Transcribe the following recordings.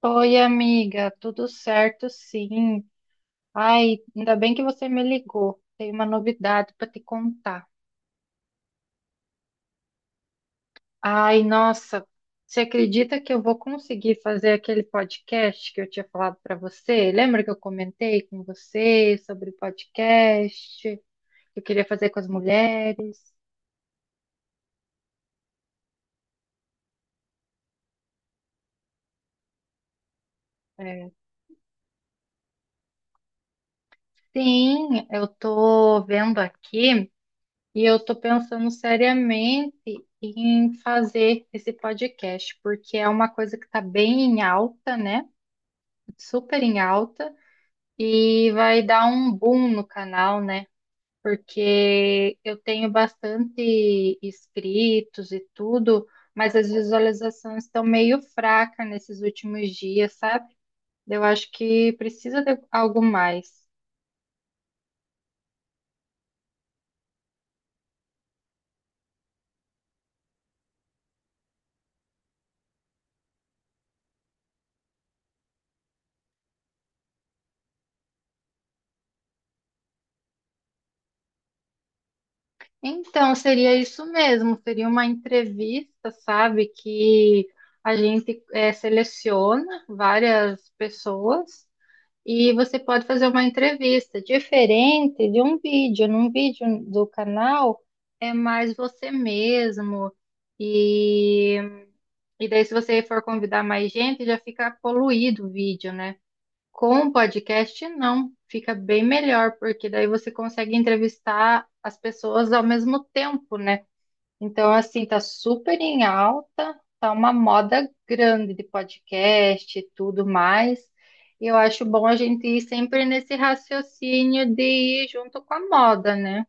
Oi, amiga, tudo certo, sim. Ai, ainda bem que você me ligou. Tem uma novidade para te contar. Ai, nossa, você acredita que eu vou conseguir fazer aquele podcast que eu tinha falado para você? Lembra que eu comentei com você sobre podcast que eu queria fazer com as mulheres? É. Sim, eu tô vendo aqui. E eu estou pensando seriamente em fazer esse podcast, porque é uma coisa que está bem em alta, né? Super em alta, e vai dar um boom no canal, né? Porque eu tenho bastante inscritos e tudo, mas as visualizações estão meio fracas nesses últimos dias, sabe? Eu acho que precisa de algo mais. Então, seria isso mesmo, seria uma entrevista, sabe, que a gente seleciona várias pessoas e você pode fazer uma entrevista diferente de um vídeo. Num vídeo do canal é mais você mesmo e, e daí se você for convidar mais gente já fica poluído o vídeo, né? Com o podcast não, fica bem melhor porque daí você consegue entrevistar as pessoas ao mesmo tempo, né? Então, assim, tá super em alta, tá uma moda grande de podcast e tudo mais. E eu acho bom a gente ir sempre nesse raciocínio de ir junto com a moda, né?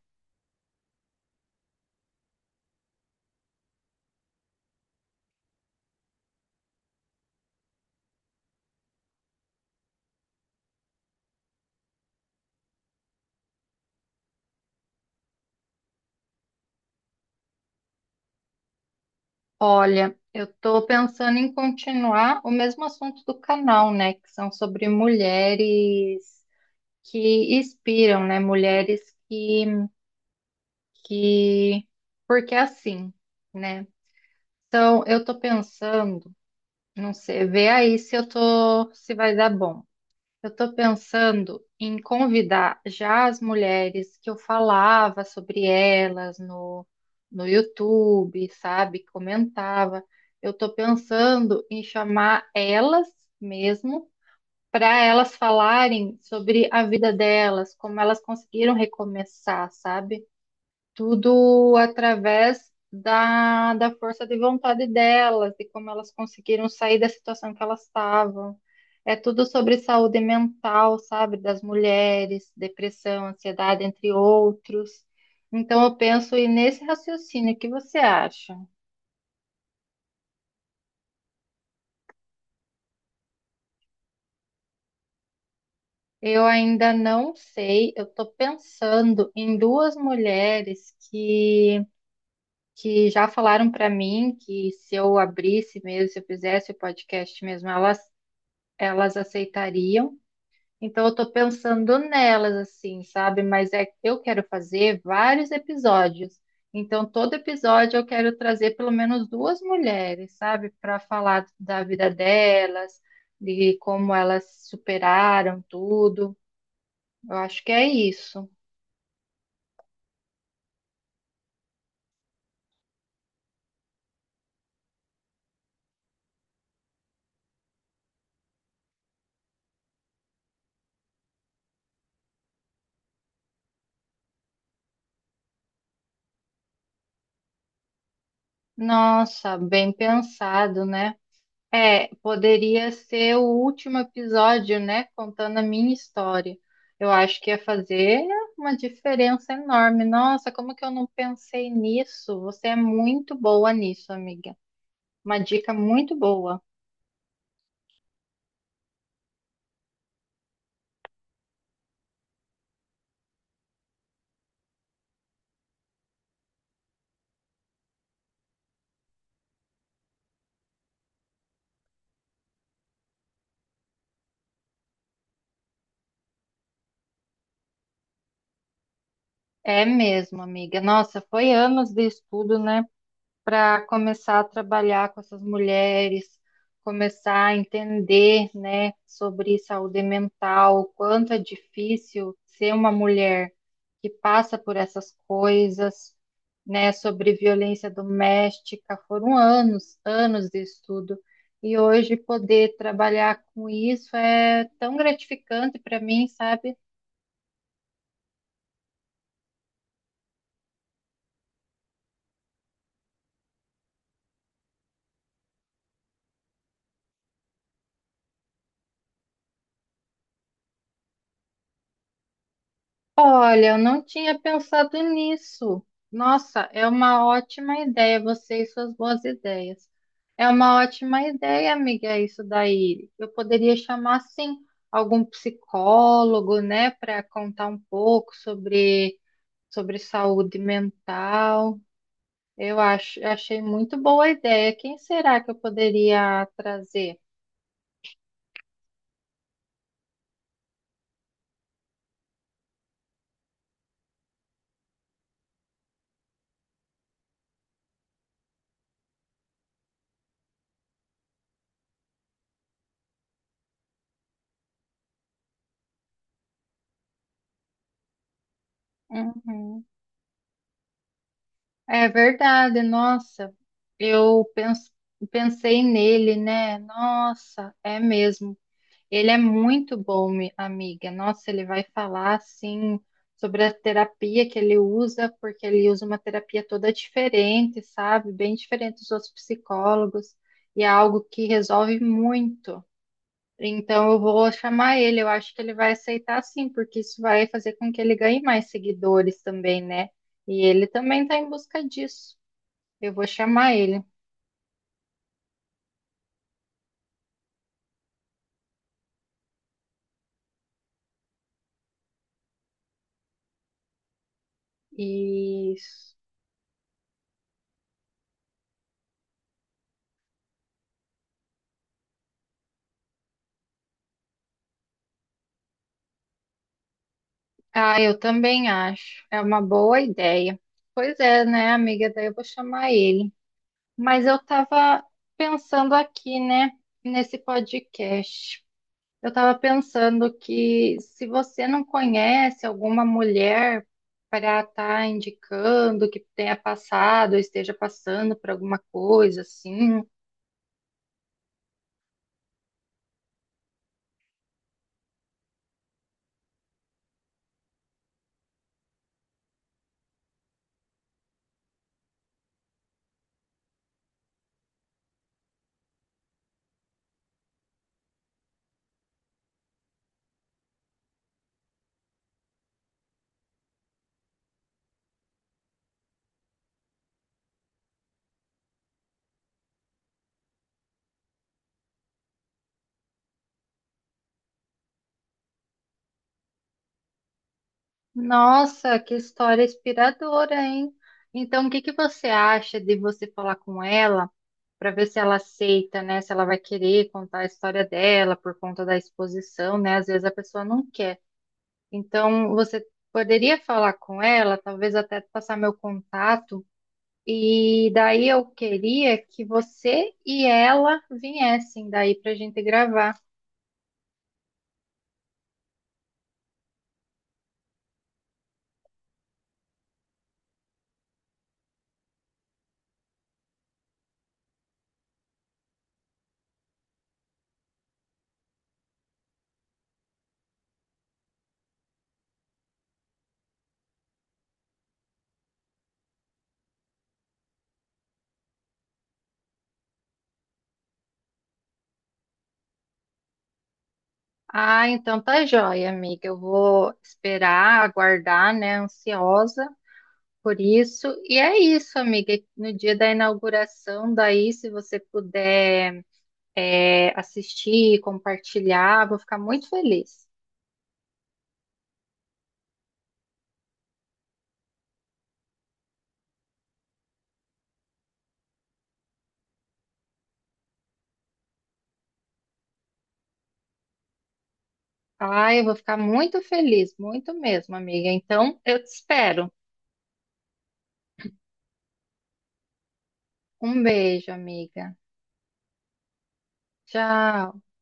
Olha, eu tô pensando em continuar o mesmo assunto do canal, né? Que são sobre mulheres que inspiram, né? Mulheres que, que... Porque é assim, né? Então, eu tô pensando. Não sei, vê aí se eu tô, se vai dar bom. Eu tô pensando em convidar já as mulheres que eu falava sobre elas no YouTube, sabe? Comentava. Eu tô pensando em chamar elas mesmo para elas falarem sobre a vida delas, como elas conseguiram recomeçar, sabe? Tudo através da força de vontade delas, de como elas conseguiram sair da situação que elas estavam. É tudo sobre saúde mental, sabe? Das mulheres, depressão, ansiedade, entre outros. Então, eu penso e nesse raciocínio, o que você acha? Eu ainda não sei, eu estou pensando em duas mulheres que já falaram para mim que se eu abrisse mesmo, se eu fizesse o podcast mesmo, elas aceitariam. Então eu tô pensando nelas assim, sabe? Mas é que eu quero fazer vários episódios. Então todo episódio eu quero trazer pelo menos duas mulheres, sabe, para falar da vida delas, de como elas superaram tudo. Eu acho que é isso. Nossa, bem pensado, né? É, poderia ser o último episódio, né? Contando a minha história. Eu acho que ia fazer uma diferença enorme. Nossa, como que eu não pensei nisso? Você é muito boa nisso, amiga. Uma dica muito boa. É mesmo, amiga. Nossa, foi anos de estudo, né? Para começar a trabalhar com essas mulheres, começar a entender, né, sobre saúde mental, o quanto é difícil ser uma mulher que passa por essas coisas, né, sobre violência doméstica. Foram anos, anos de estudo. E hoje poder trabalhar com isso é tão gratificante para mim, sabe? Olha, eu não tinha pensado nisso. Nossa, é uma ótima ideia, você e suas boas ideias. É uma ótima ideia, amiga, isso daí. Eu poderia chamar, sim, algum psicólogo, né, para contar um pouco sobre saúde mental. Eu acho, achei muito boa a ideia. Quem será que eu poderia trazer? Uhum. É verdade, nossa, eu pens- pensei nele, né? Nossa, é mesmo. Ele é muito bom, amiga. Nossa, ele vai falar assim sobre a terapia que ele usa, porque ele usa uma terapia toda diferente, sabe? Bem diferente dos outros psicólogos, e é algo que resolve muito. Então, eu vou chamar ele. Eu acho que ele vai aceitar sim, porque isso vai fazer com que ele ganhe mais seguidores também, né? E ele também está em busca disso. Eu vou chamar ele. Isso. Ah, eu também acho. É uma boa ideia. Pois é, né, amiga? Daí eu vou chamar ele. Mas eu tava pensando aqui, né, nesse podcast. Eu tava pensando que se você não conhece alguma mulher para estar indicando que tenha passado ou esteja passando por alguma coisa assim. Nossa, que história inspiradora, hein? Então, o que que você acha de você falar com ela para ver se ela aceita, né? Se ela vai querer contar a história dela por conta da exposição, né? Às vezes a pessoa não quer. Então, você poderia falar com ela, talvez até passar meu contato, e daí eu queria que você e ela viessem daí para a gente gravar. Ah, então tá joia, amiga. Eu vou esperar, aguardar, né? Ansiosa por isso. E é isso, amiga. No dia da inauguração, daí, se você puder assistir, compartilhar, vou ficar muito feliz. Ah, eu vou ficar muito feliz, muito mesmo, amiga. Então, eu te espero. Um beijo, amiga. Tchau.